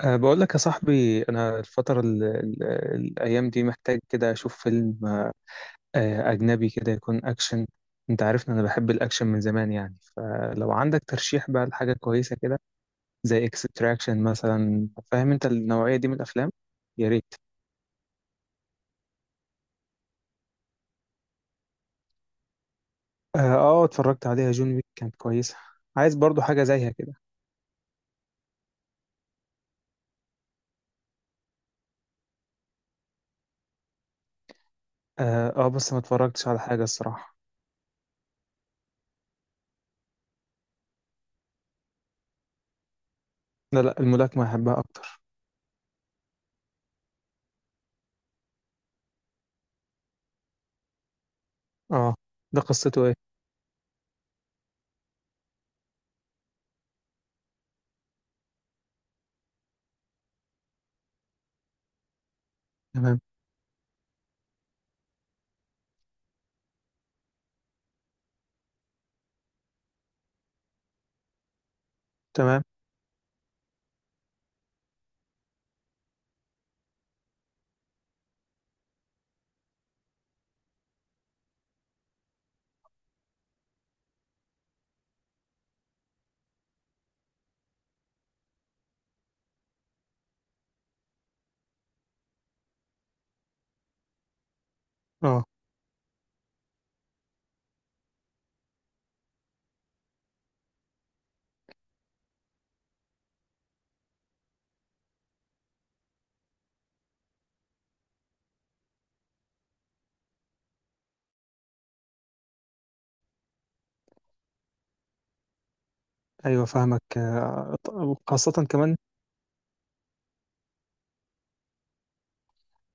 بقول لك يا صاحبي، أنا الفترة ال ال الأيام دي محتاج كده أشوف فيلم أجنبي كده يكون أكشن. أنت عارف إن أنا بحب الأكشن من زمان، يعني فلو عندك ترشيح بقى لحاجة كويسة كده زي إكستراكشن مثلا، فاهم أنت النوعية دي من الأفلام؟ يا ريت. أه آه، اتفرجت عليها جون ويك، كانت كويسة. عايز برضو حاجة زيها كده. أه آه، بس ما اتفرجتش على حاجة الصراحة. لا لا، الملاكمة أحبها أكتر. أه، ده قصته إيه؟ تمام. تمام. أه. ايوه فاهمك، وخاصة كمان.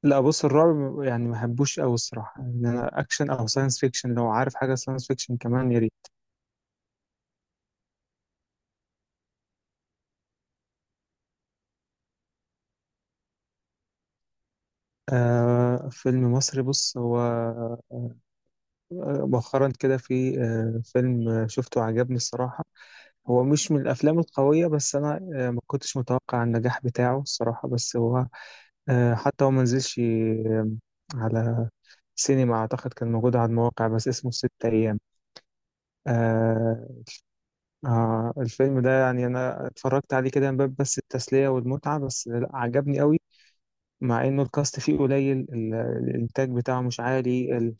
لا بص، الرعب يعني ما بحبوش قوي الصراحة، ان انا اكشن او ساينس فيكشن، لو عارف حاجة ساينس فيكشن كمان يا ريت. فيلم مصري، بص هو مؤخرا كده في فيلم شفته عجبني الصراحة. هو مش من الافلام القوية، بس انا ما كنتش متوقع النجاح بتاعه الصراحة، بس هو حتى هو ما نزلش على سينما، اعتقد كان موجود على المواقع، بس اسمه ست ايام. آه. الفيلم ده يعني انا اتفرجت عليه كده من باب بس التسليه والمتعه، بس لا عجبني قوي، مع انه الكاست فيه قليل، الانتاج بتاعه مش عالي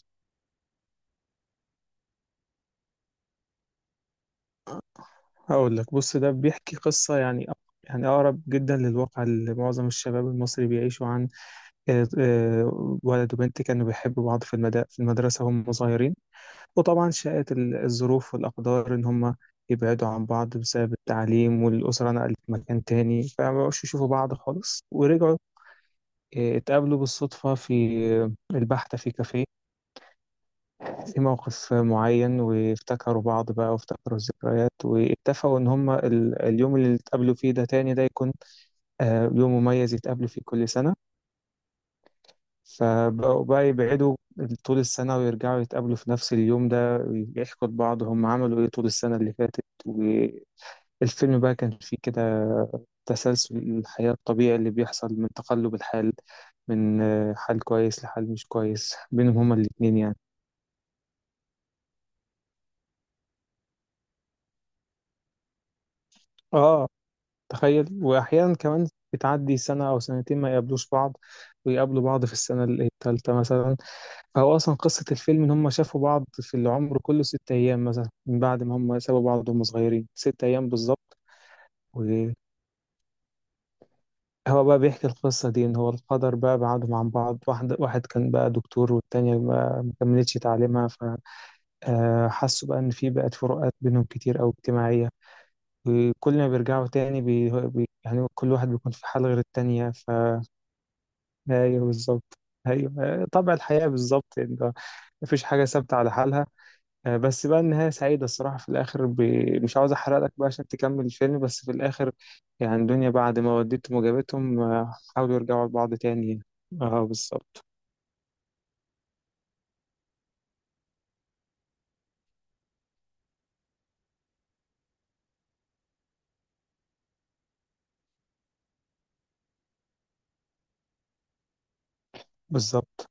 هقول لك. بص، ده بيحكي قصه يعني يعني اقرب جدا للواقع اللي معظم الشباب المصري بيعيشوا عن. ولد وبنت كانوا بيحبوا بعض في في المدرسه وهم صغيرين، وطبعا شاءت الظروف والاقدار ان هم يبعدوا عن بعض بسبب التعليم، والأسرة نقلت مكان تاني فمبقوش يشوفوا بعض خالص، ورجعوا اتقابلوا بالصدفة في البحث في كافيه، في موقف معين، وافتكروا بعض بقى وافتكروا الذكريات، واتفقوا إن هما اليوم اللي اتقابلوا فيه ده تاني ده يكون يوم مميز يتقابلوا فيه كل سنة. فبقوا بقى يبعدوا طول السنة ويرجعوا يتقابلوا في نفس اليوم ده، يحكوا لبعض هم عملوا إيه طول السنة اللي فاتت. الفيلم بقى كان فيه كده تسلسل الحياة الطبيعي اللي بيحصل من تقلب الحال، من حال كويس لحال مش كويس بينهم هما الاتنين يعني. اه تخيل. وأحيانا كمان بتعدي سنة أو سنتين ما يقابلوش بعض ويقابلوا بعض في السنة التالتة مثلا. فهو أصلا قصة الفيلم إن هما شافوا بعض في العمر كله ست أيام مثلا، من بعد ما هما سابوا بعض وهم صغيرين، ست أيام بالظبط. هو بقى بيحكي القصة دي إن هو القدر بقى بعدهم عن بعض، واحد واحد كان بقى دكتور والتانية ما كملتش تعليمها، فحسوا بقى إن في بقت فروقات بينهم كتير أو اجتماعية. وكل ما بيرجعوا تاني يعني كل واحد بيكون في حال غير التانية ف. أيوه بالظبط. أيوه طبع الحياة بالظبط، إن مفيش حاجة ثابتة على حالها. بس بقى النهاية سعيدة الصراحة في الآخر مش عاوز أحرق لك بقى عشان تكمل الفيلم، بس في الآخر يعني دنيا بعد ما وديتهم وجابتهم حاولوا يرجعوا لبعض تاني. اه بالظبط. بالظبط.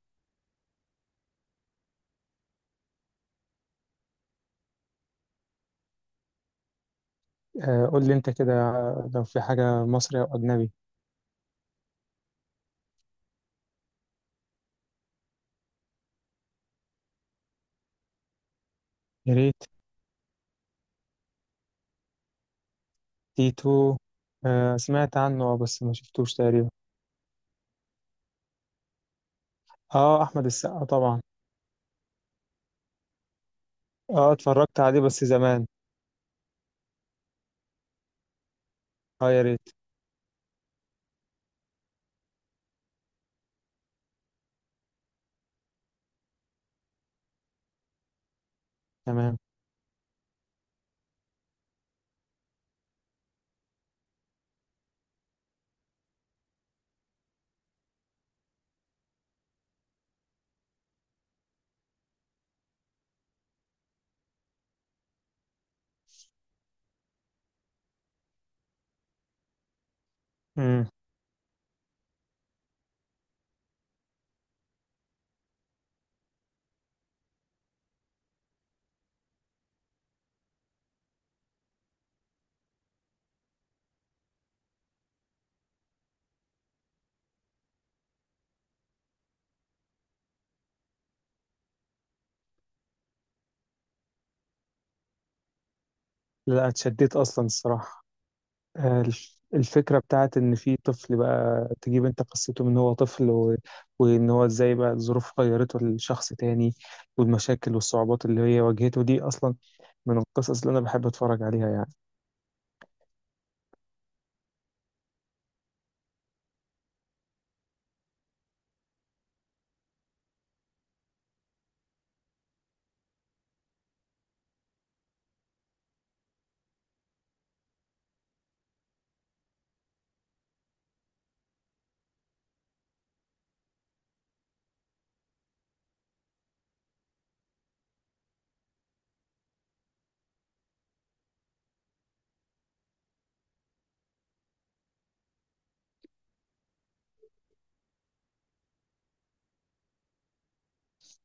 آه قول لي أنت كده، لو في حاجة مصري أو أجنبي يا ريت. تيتو، آه سمعت عنه اه، بس ما شفتوش تقريبا. اه أحمد السقا طبعا. اه اتفرجت عليه بس زمان. اه يا ريت. تمام. مم. لا اتشديت أصلا الصراحة. الفكرة بتاعت إن في طفل بقى تجيب أنت قصته من هو طفل وإن هو إزاي بقى الظروف غيرته لشخص تاني، والمشاكل والصعوبات اللي هي واجهته دي أصلا من القصص اللي أنا بحب أتفرج عليها يعني.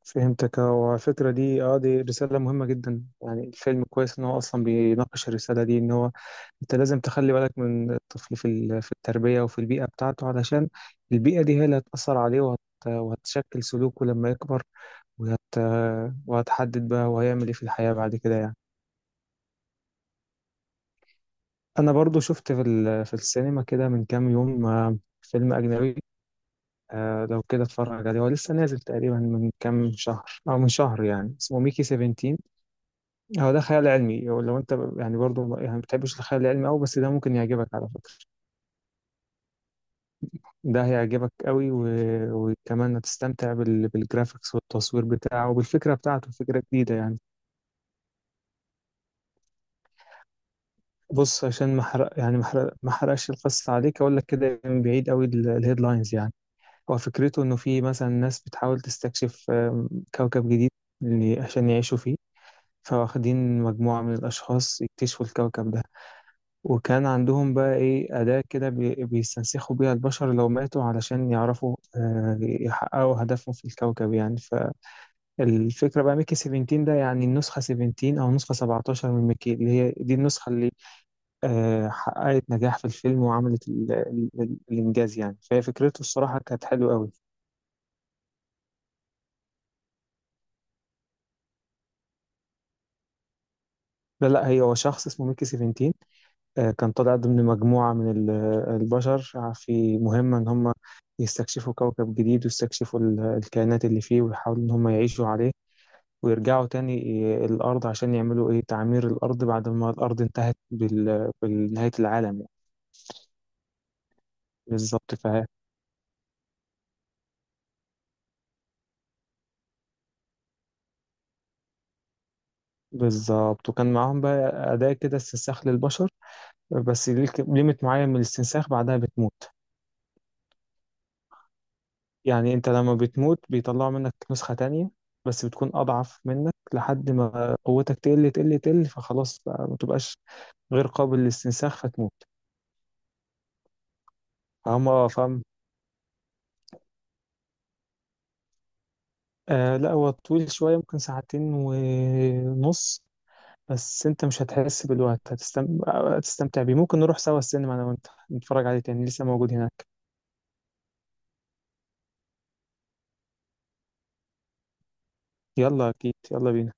فهمتك. هو الفكرة دي أه، دي رسالة مهمة جدا يعني. الفيلم كويس إن هو أصلا بيناقش الرسالة دي، إن هو أنت لازم تخلي بالك من الطفل في في التربية وفي البيئة بتاعته، علشان البيئة دي هي اللي هتأثر عليه وهتشكل سلوكه لما يكبر، وهت... وهتحدد بقى هو هيعمل ايه في الحياة بعد كده يعني. انا برضو شفت في في السينما كده من كام يوم فيلم اجنبي، لو كده اتفرج عليه، هو لسه نازل تقريبا من كام شهر او من شهر يعني، اسمه ميكي 17. هو ده خيال علمي، هو لو انت يعني برضو يعني ما بتحبش الخيال العلمي قوي، بس ده ممكن يعجبك على فكرة. ده هيعجبك قوي وكمان هتستمتع بالجرافيكس والتصوير بتاعه وبالفكرة بتاعته، فكرة جديدة يعني. بص عشان ما حرق يعني ما حرقش القصة عليك، اقول لك كده من بعيد قوي الهيدلاينز يعني. هو فكرته انه في مثلا ناس بتحاول تستكشف كوكب جديد عشان يعيشوا فيه، فواخدين مجموعة من الأشخاص يكتشفوا الكوكب ده. وكان عندهم بقى إيه أداة كده بيستنسخوا بيها البشر لو ماتوا، علشان يعرفوا يحققوا هدفهم في الكوكب يعني. فالفكرة بقى ميكي 17 ده، يعني النسخة 17 أو نسخة 17 من ميكي، اللي هي دي النسخة اللي حققت نجاح في الفيلم وعملت الإنجاز يعني. فهي فكرته الصراحة كانت حلوة قوي. لا لا، هي هو شخص اسمه ميكي سيفنتين، كان طالع ضمن مجموعة من البشر في مهمة إن هم يستكشفوا كوكب جديد ويستكشفوا الكائنات اللي فيه، ويحاولوا إن هم يعيشوا عليه ويرجعوا تاني الأرض عشان يعملوا إيه تعمير الأرض، بعد ما الأرض انتهت بنهاية العالم يعني. بالظبط بالظبط. وكان معاهم بقى أداة كده استنساخ للبشر، بس ليك ليميت معين من الاستنساخ بعدها بتموت. يعني انت لما بتموت بيطلعوا منك نسخة تانية، بس بتكون أضعف منك لحد ما قوتك تقل تقل تقل، فخلاص بقى ما تبقاش غير قابل للاستنساخ فتموت. فهم اه فاهم. آه لا، هو طويل شوية، ممكن ساعتين ونص، بس انت مش هتحس بالوقت، هتستمتع بيه. ممكن نروح سوا السينما انا وانت نتفرج عليه تاني، لسه موجود هناك. يلا اكيد، يلا بينا.